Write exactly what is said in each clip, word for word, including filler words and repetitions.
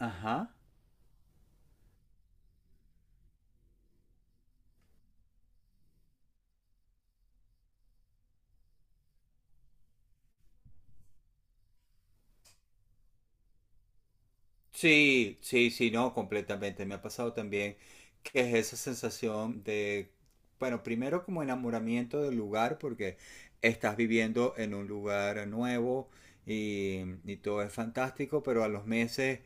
Ajá. Sí, sí, sí, no, completamente. Me ha pasado también que es esa sensación de, bueno, primero como enamoramiento del lugar, porque estás viviendo en un lugar nuevo y, y todo es fantástico, pero a los meses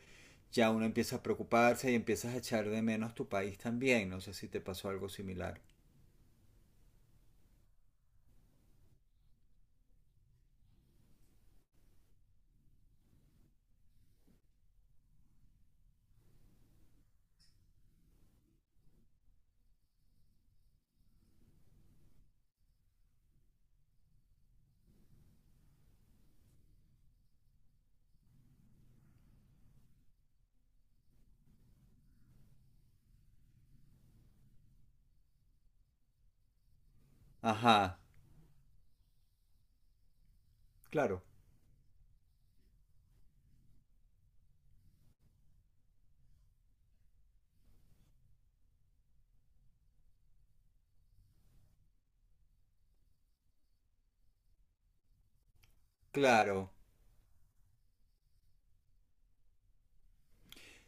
ya uno empieza a preocuparse y empiezas a echar de menos tu país también. No sé si te pasó algo similar. Ajá, claro, claro.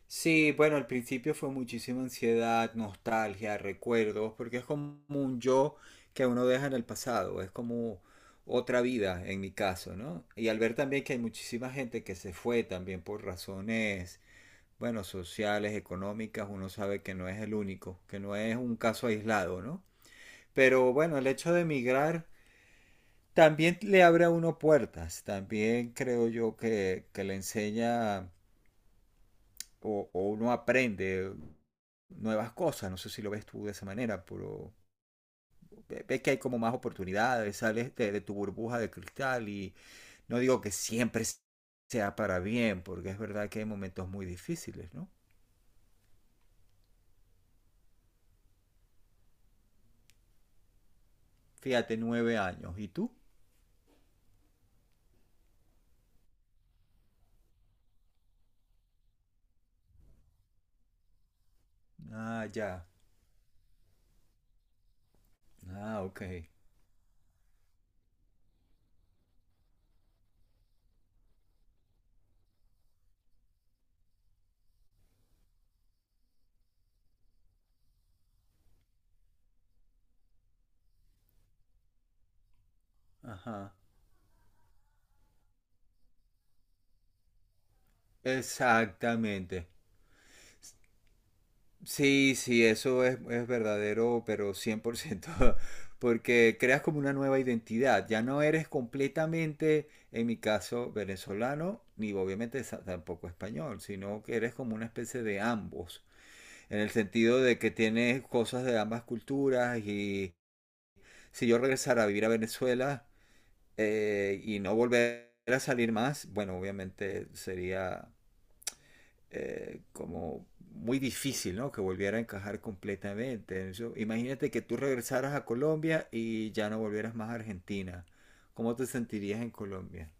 Sí, bueno, al principio fue muchísima ansiedad, nostalgia, recuerdos, porque es como un yo que uno deja en el pasado, es como otra vida en mi caso, ¿no? Y al ver también que hay muchísima gente que se fue también por razones, bueno, sociales, económicas, uno sabe que no es el único, que no es un caso aislado, ¿no? Pero bueno, el hecho de emigrar también le abre a uno puertas, también creo yo que, que le enseña o, o uno aprende nuevas cosas. No sé si lo ves tú de esa manera, pero ves que hay como más oportunidades, sales de, de, tu burbuja de cristal y no digo que siempre sea para bien, porque es verdad que hay momentos muy difíciles, ¿no? Fíjate, nueve años. ¿Y tú? Ah, ya. Ah, ok. Ajá. Exactamente. Sí, sí, eso es, es verdadero, pero cien por ciento. Porque creas como una nueva identidad. Ya no eres completamente, en mi caso, venezolano, ni obviamente sa- tampoco español, sino que eres como una especie de ambos, en el sentido de que tienes cosas de ambas culturas y si yo regresara a vivir a Venezuela eh, y no volver a salir más, bueno, obviamente sería eh, como muy difícil, ¿no? Que volviera a encajar completamente. Yo- imagínate que tú regresaras a Colombia y ya no volvieras más a Argentina. ¿Cómo te sentirías en Colombia?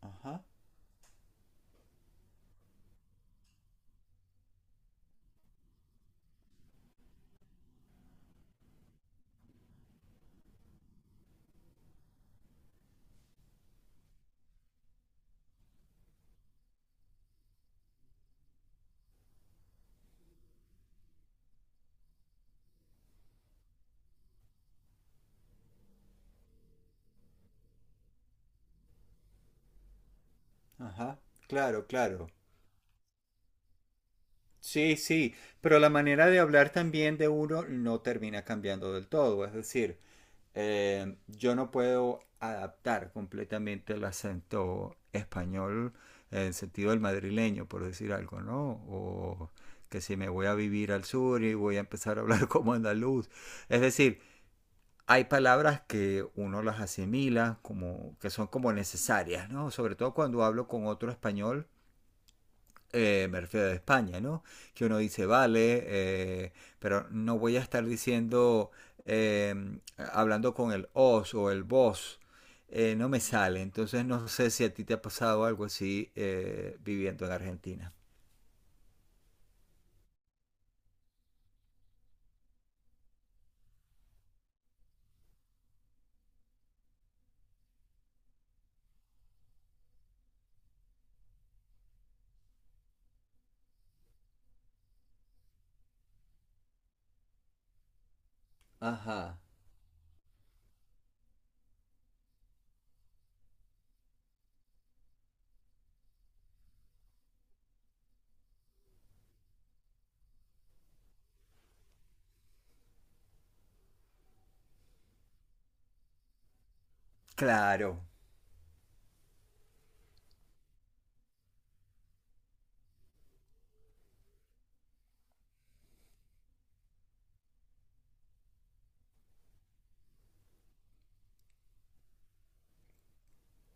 Ajá, ajá, claro, claro. Sí, sí, pero la manera de hablar también de uno no termina cambiando del todo. Es decir, eh, yo no puedo adaptar completamente el acento español en el sentido del madrileño, por decir algo, ¿no? O que si me voy a vivir al sur y voy a empezar a hablar como andaluz. Es decir, hay palabras que uno las asimila como que son como necesarias, ¿no? Sobre todo cuando hablo con otro español, eh, me refiero a España, ¿no? Que uno dice, vale, eh, pero no voy a estar diciendo, eh, hablando con el os o el vos, eh, no me sale. Entonces no sé si a ti te ha pasado algo así, eh, viviendo en Argentina. Ajá. Claro.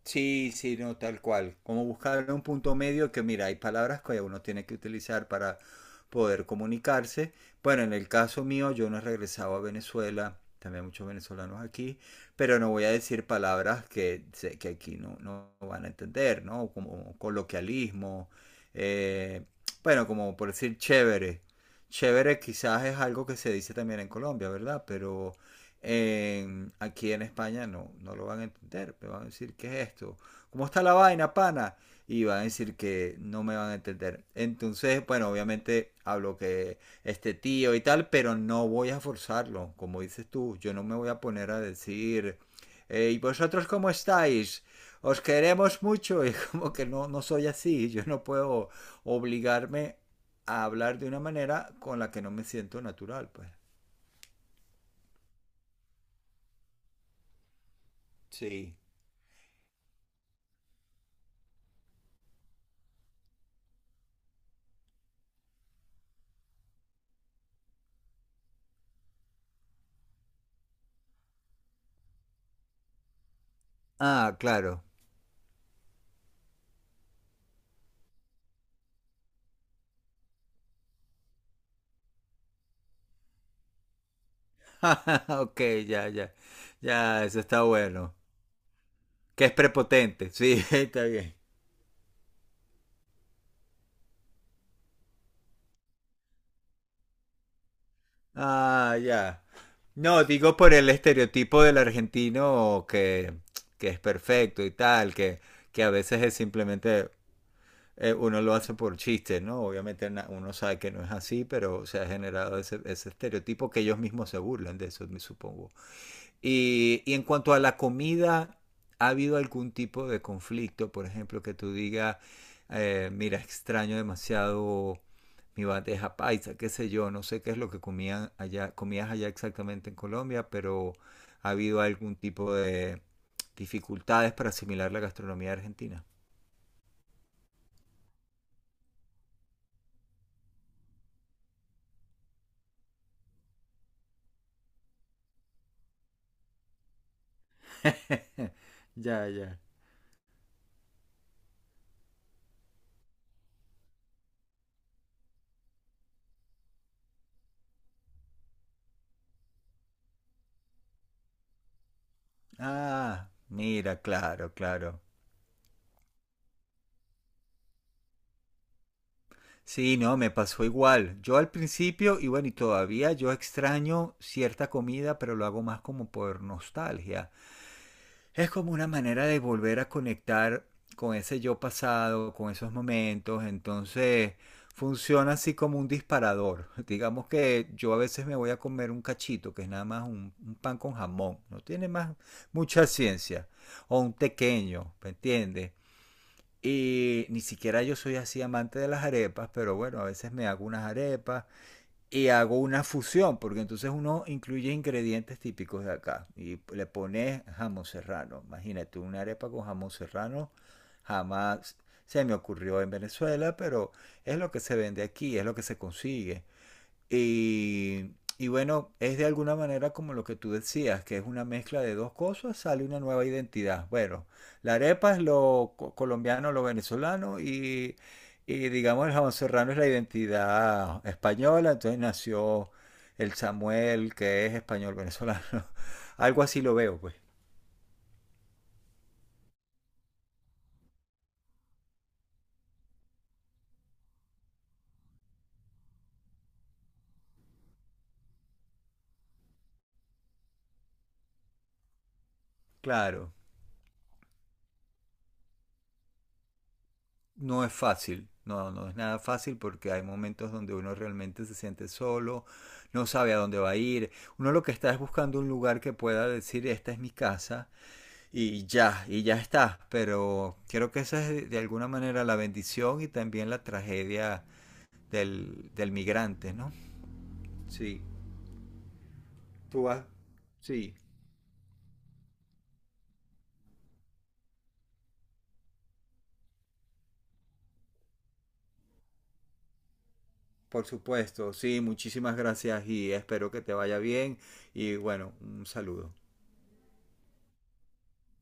Sí, sí, no, tal cual. Como buscar un punto medio que, mira, hay palabras que uno tiene que utilizar para poder comunicarse. Bueno, en el caso mío, yo no he regresado a Venezuela, también hay muchos venezolanos aquí, pero no voy a decir palabras que sé que aquí no, no van a entender, ¿no? Como coloquialismo, eh, bueno, como por decir chévere. Chévere quizás es algo que se dice también en Colombia, ¿verdad? Pero en- aquí en España no, no lo van a entender. Me van a decir, ¿qué es esto? ¿Cómo está la vaina, pana? Y van a decir que no me van a entender. Entonces, bueno, obviamente hablo que este tío y tal, pero no voy a forzarlo. Como dices tú, yo no me voy a poner a decir, eh, ¿y vosotros cómo estáis? Os queremos mucho. Y como que no, no soy así. Yo no puedo obligarme a hablar de una manera con la que no me siento natural, pues. Sí. Ah, claro. Ok, ya, ya. Ya, eso está bueno. Que es prepotente, sí, está bien. Ah, ya. No, digo por el estereotipo del argentino que, que es perfecto y tal, que, que a veces es simplemente eh, uno lo hace por chiste, ¿no? Obviamente na- uno sabe que no es así, pero se ha generado ese, ese estereotipo que ellos mismos se burlan de eso, me supongo. Y, y en cuanto a la comida, ¿ha habido algún tipo de conflicto? Por ejemplo, que tú digas, eh, mira, extraño demasiado mi bandeja paisa, qué sé yo, no sé qué es lo que comían allá, comías allá exactamente en Colombia, pero ¿ha habido algún tipo de dificultades para asimilar la gastronomía argentina? Ya, ya. Ah, mira, claro, claro. Sí, no, me pasó igual. Yo al principio, y bueno, y todavía yo extraño cierta comida, pero lo hago más como por nostalgia. Es como una manera de volver a conectar con ese yo pasado, con esos momentos. Entonces, funciona así como un disparador. Digamos que yo a veces me voy a comer un cachito, que es nada más un, un pan con jamón. No tiene más mucha ciencia. O un tequeño, ¿me entiendes? Y ni siquiera yo soy así amante de las arepas, pero bueno, a veces me hago unas arepas y hago una fusión, porque entonces uno incluye ingredientes típicos de acá y le pones jamón serrano. Imagínate una arepa con jamón serrano, jamás se me ocurrió en Venezuela, pero es lo que se vende aquí, es lo que se consigue. Y, y bueno, es de alguna manera como lo que tú decías, que es una mezcla de dos cosas, sale una nueva identidad. Bueno, la arepa es lo co- colombiano, lo venezolano y, y digamos el jamón serrano es la identidad española, entonces nació el Samuel, que es español venezolano. Algo así lo veo, pues. Claro. No es fácil, no, no es nada fácil porque hay momentos donde uno realmente se siente solo, no sabe a dónde va a ir. Uno lo que está es buscando un lugar que pueda decir, esta es mi casa y ya, y ya está. Pero creo que esa es de alguna manera la bendición y también la tragedia del, del migrante, ¿no? Sí, tú vas, sí, por supuesto, sí, muchísimas gracias y espero que te vaya bien y bueno, un saludo.